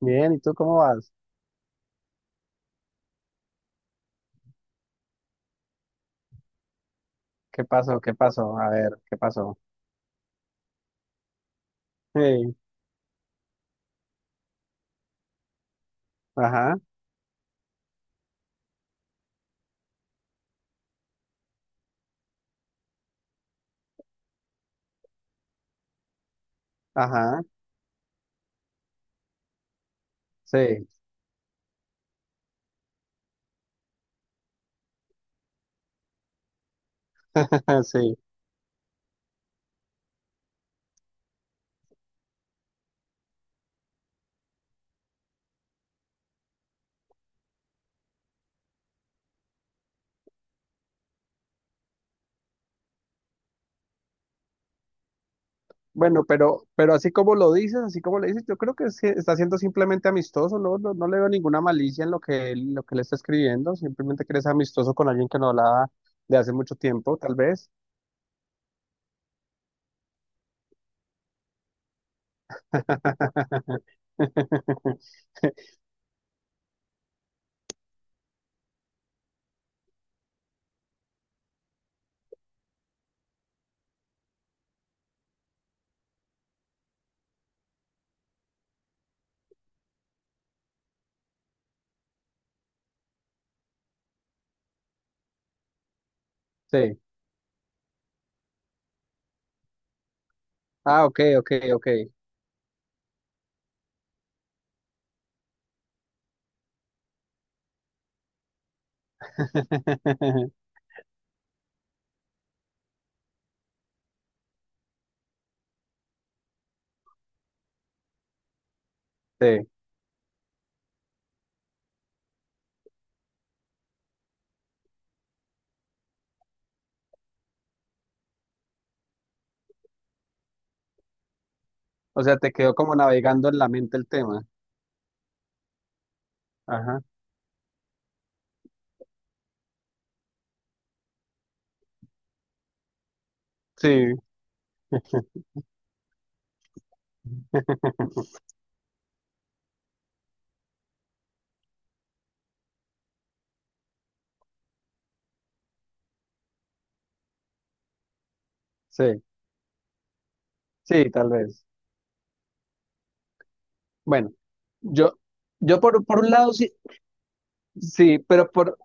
Bien, ¿y tú cómo vas? ¿Qué pasó? ¿Qué pasó? A ver, ¿qué pasó? Sí, ajá, ajá, sí, sí. Bueno, pero así como lo dices, así como le dices, yo creo que sí está siendo simplemente amistoso, ¿no? No, no le veo ninguna malicia en lo que lo que le está escribiendo, simplemente que eres amistoso con alguien que no hablaba de hace mucho tiempo, tal vez. Sí. Ah, ok, ok, ok. Sí. O sea, te quedó como navegando en la mente el tema. Ajá. Sí. Sí, sí, tal vez. Bueno, yo, yo por un lado sí, sí, pero por,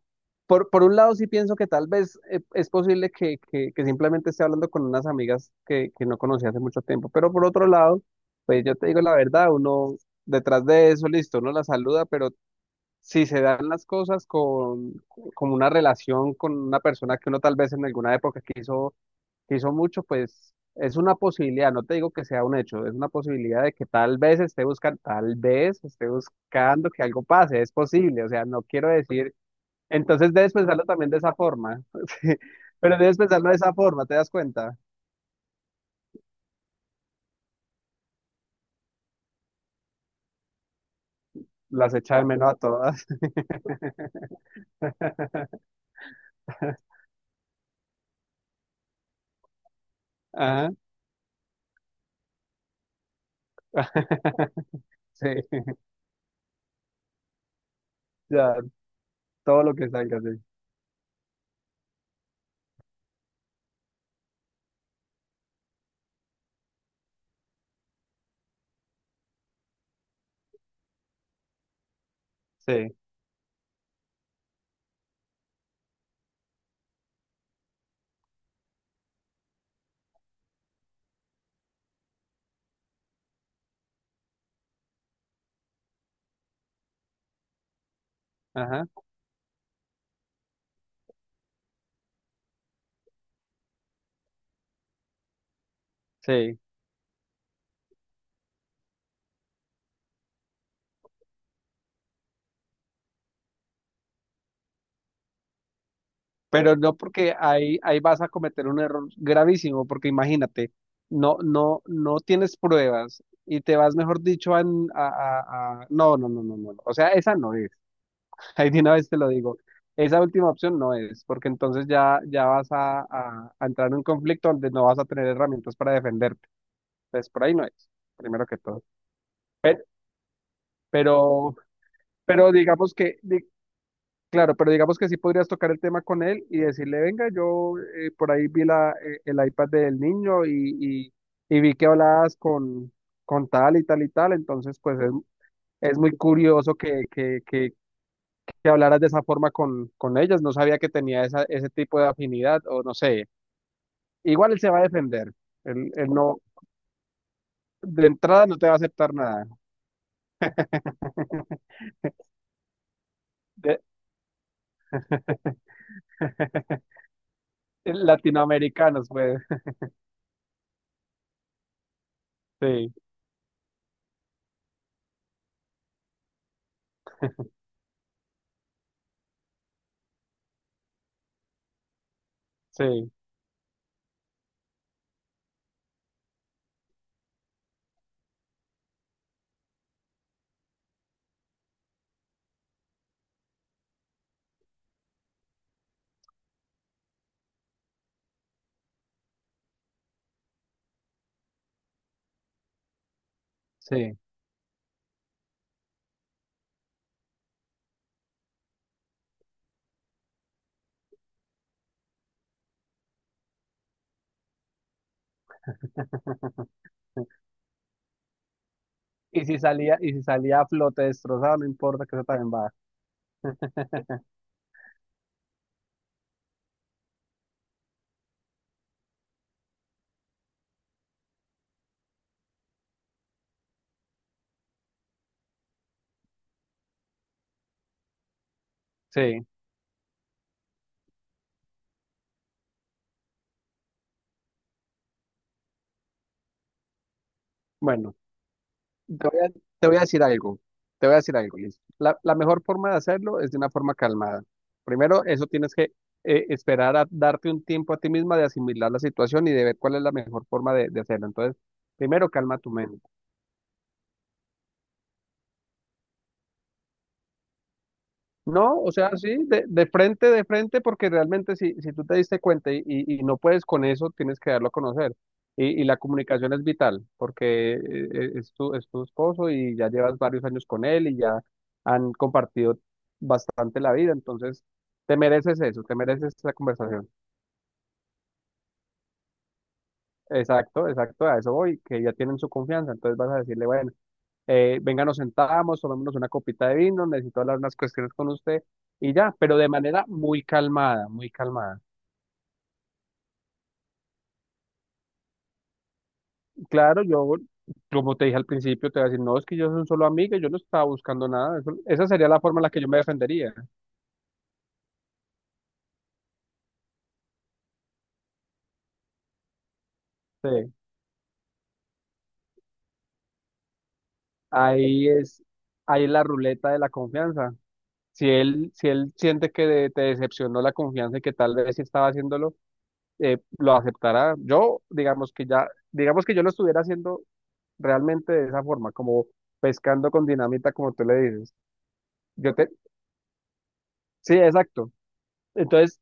por, por un lado sí pienso que tal vez es posible que simplemente esté hablando con unas amigas que no conocí hace mucho tiempo, pero por otro lado, pues yo te digo la verdad, uno detrás de eso, listo, uno la saluda, pero si se dan las cosas con una relación con una persona que uno tal vez en alguna época quiso. Si son muchos, pues es una posibilidad, no te digo que sea un hecho, es una posibilidad de que tal vez esté buscando, tal vez esté buscando que algo pase, es posible, o sea, no quiero decir, entonces debes pensarlo también de esa forma, sí, pero debes pensarlo de esa forma, ¿te das cuenta? Las echa de menos a todas. Ajá, sí, ya, todo lo que salga, sí. Sí, ajá, sí. Pero no porque ahí, ahí vas a cometer un error gravísimo, porque imagínate, no, no, no tienes pruebas y te vas, mejor dicho, No, no, no, no, no. O sea, esa no es. Ahí de una vez te lo digo. Esa última opción no es, porque entonces ya, ya vas a entrar en un conflicto donde no vas a tener herramientas para defenderte. Entonces, por ahí no es, primero que todo. Pe- Pero, pero digamos que, claro, pero digamos que sí podrías tocar el tema con él y decirle, venga, yo por ahí vi el iPad del niño y, y vi que hablabas con tal y tal y tal, entonces pues es muy curioso que hablaras de esa forma con ellas, no sabía que tenía esa, ese tipo de afinidad o no sé, igual él se va a defender, él no, de entrada no te va a aceptar nada, de, latinoamericanos pues, sí, sí, sí. Y si salía a flote destrozado, no importa que eso también va. Sí, bueno, te voy a, te voy a decir algo, te voy a decir algo, Liz. La mejor forma de hacerlo es de una forma calmada. Primero, eso tienes que esperar a darte un tiempo a ti misma de asimilar la situación y de ver cuál es la mejor forma de hacerlo. Entonces, primero calma tu mente. No, o sea, sí, de frente, porque realmente si tú te diste cuenta y no puedes con eso, tienes que darlo a conocer. Y la comunicación es vital, porque es es tu esposo y ya llevas varios años con él y ya han compartido bastante la vida, entonces te mereces eso, te mereces esa conversación. Exacto, exacto, a eso voy, que ya tienen su confianza, entonces vas a decirle, bueno, venga, nos sentamos, tomémonos una copita de vino, necesito hablar unas cuestiones con usted y ya, pero de manera muy calmada, muy calmada. Claro, yo, como te dije al principio, te voy a decir, no, es que yo soy un solo amigo, yo no estaba buscando nada. Esa sería la forma en la que yo me defendería. Sí. Ahí es, Ahí es la ruleta de la confianza. Si él siente que te decepcionó la confianza y que tal vez sí estaba haciéndolo, lo aceptará. Yo, digamos que ya, digamos que yo lo estuviera haciendo realmente de esa forma, como pescando con dinamita, como tú le dices. Yo te, sí, exacto. Entonces,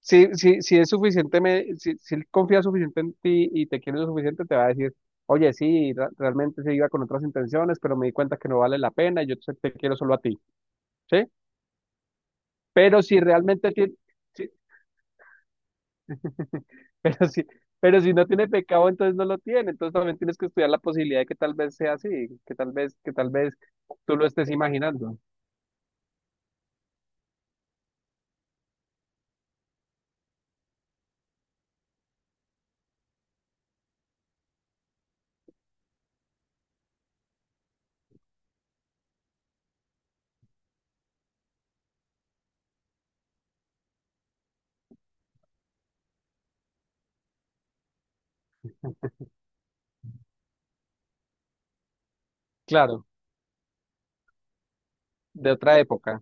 si es suficiente, si él confía suficiente en ti y te quiere lo suficiente, te va a decir, oye, sí, realmente se iba con otras intenciones, pero me di cuenta que no vale la pena y te quiero solo a ti, ¿sí? Pero si realmente tiene, sí, pero si, pero si no tiene pecado, entonces no lo tiene. Entonces también tienes que estudiar la posibilidad de que tal vez sea así, que tal vez tú lo estés imaginando. Claro, de otra época.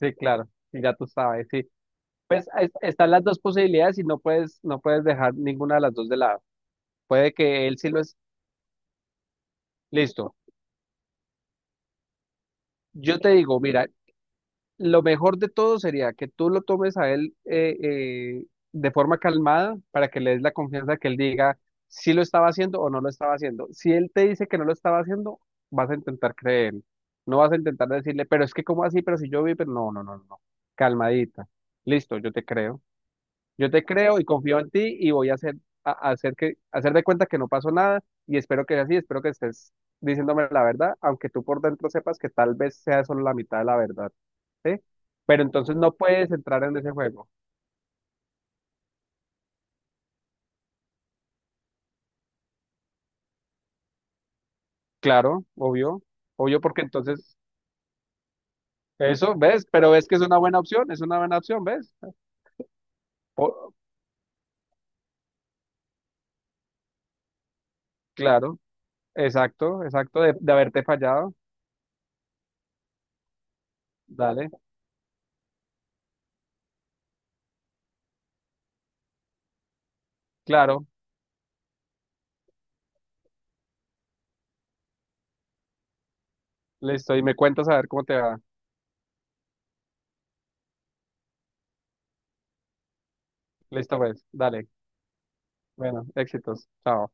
Sí, claro, y ya tú sabes, sí. Pues están las dos posibilidades y no puedes, no puedes dejar ninguna de las dos de lado. Puede que él sí lo es. Listo. Yo te digo, mira, lo mejor de todo sería que tú lo tomes a él de forma calmada para que le des la confianza que él diga si lo estaba haciendo o no lo estaba haciendo. Si él te dice que no lo estaba haciendo, vas a intentar creer. No vas a intentar decirle, pero es que, ¿cómo así? Pero si yo vi, pero no, no, no, no". Calmadita. Listo, yo te creo. Yo te creo y confío en ti y a hacer que, hacer de cuenta que no pasó nada y espero que sea así, espero que estés diciéndome la verdad, aunque tú por dentro sepas que tal vez sea solo la mitad de la verdad, ¿sí? Pero entonces no puedes entrar en ese juego. Claro, obvio, obvio porque entonces eso, ¿ves? Pero ves que es una buena opción, es una buena opción, ¿ves? Po- claro, exacto, exacto, de haberte fallado. Dale, claro, listo, y me cuentas a ver cómo te va. Listo, pues, dale. Bueno, éxitos. Chao.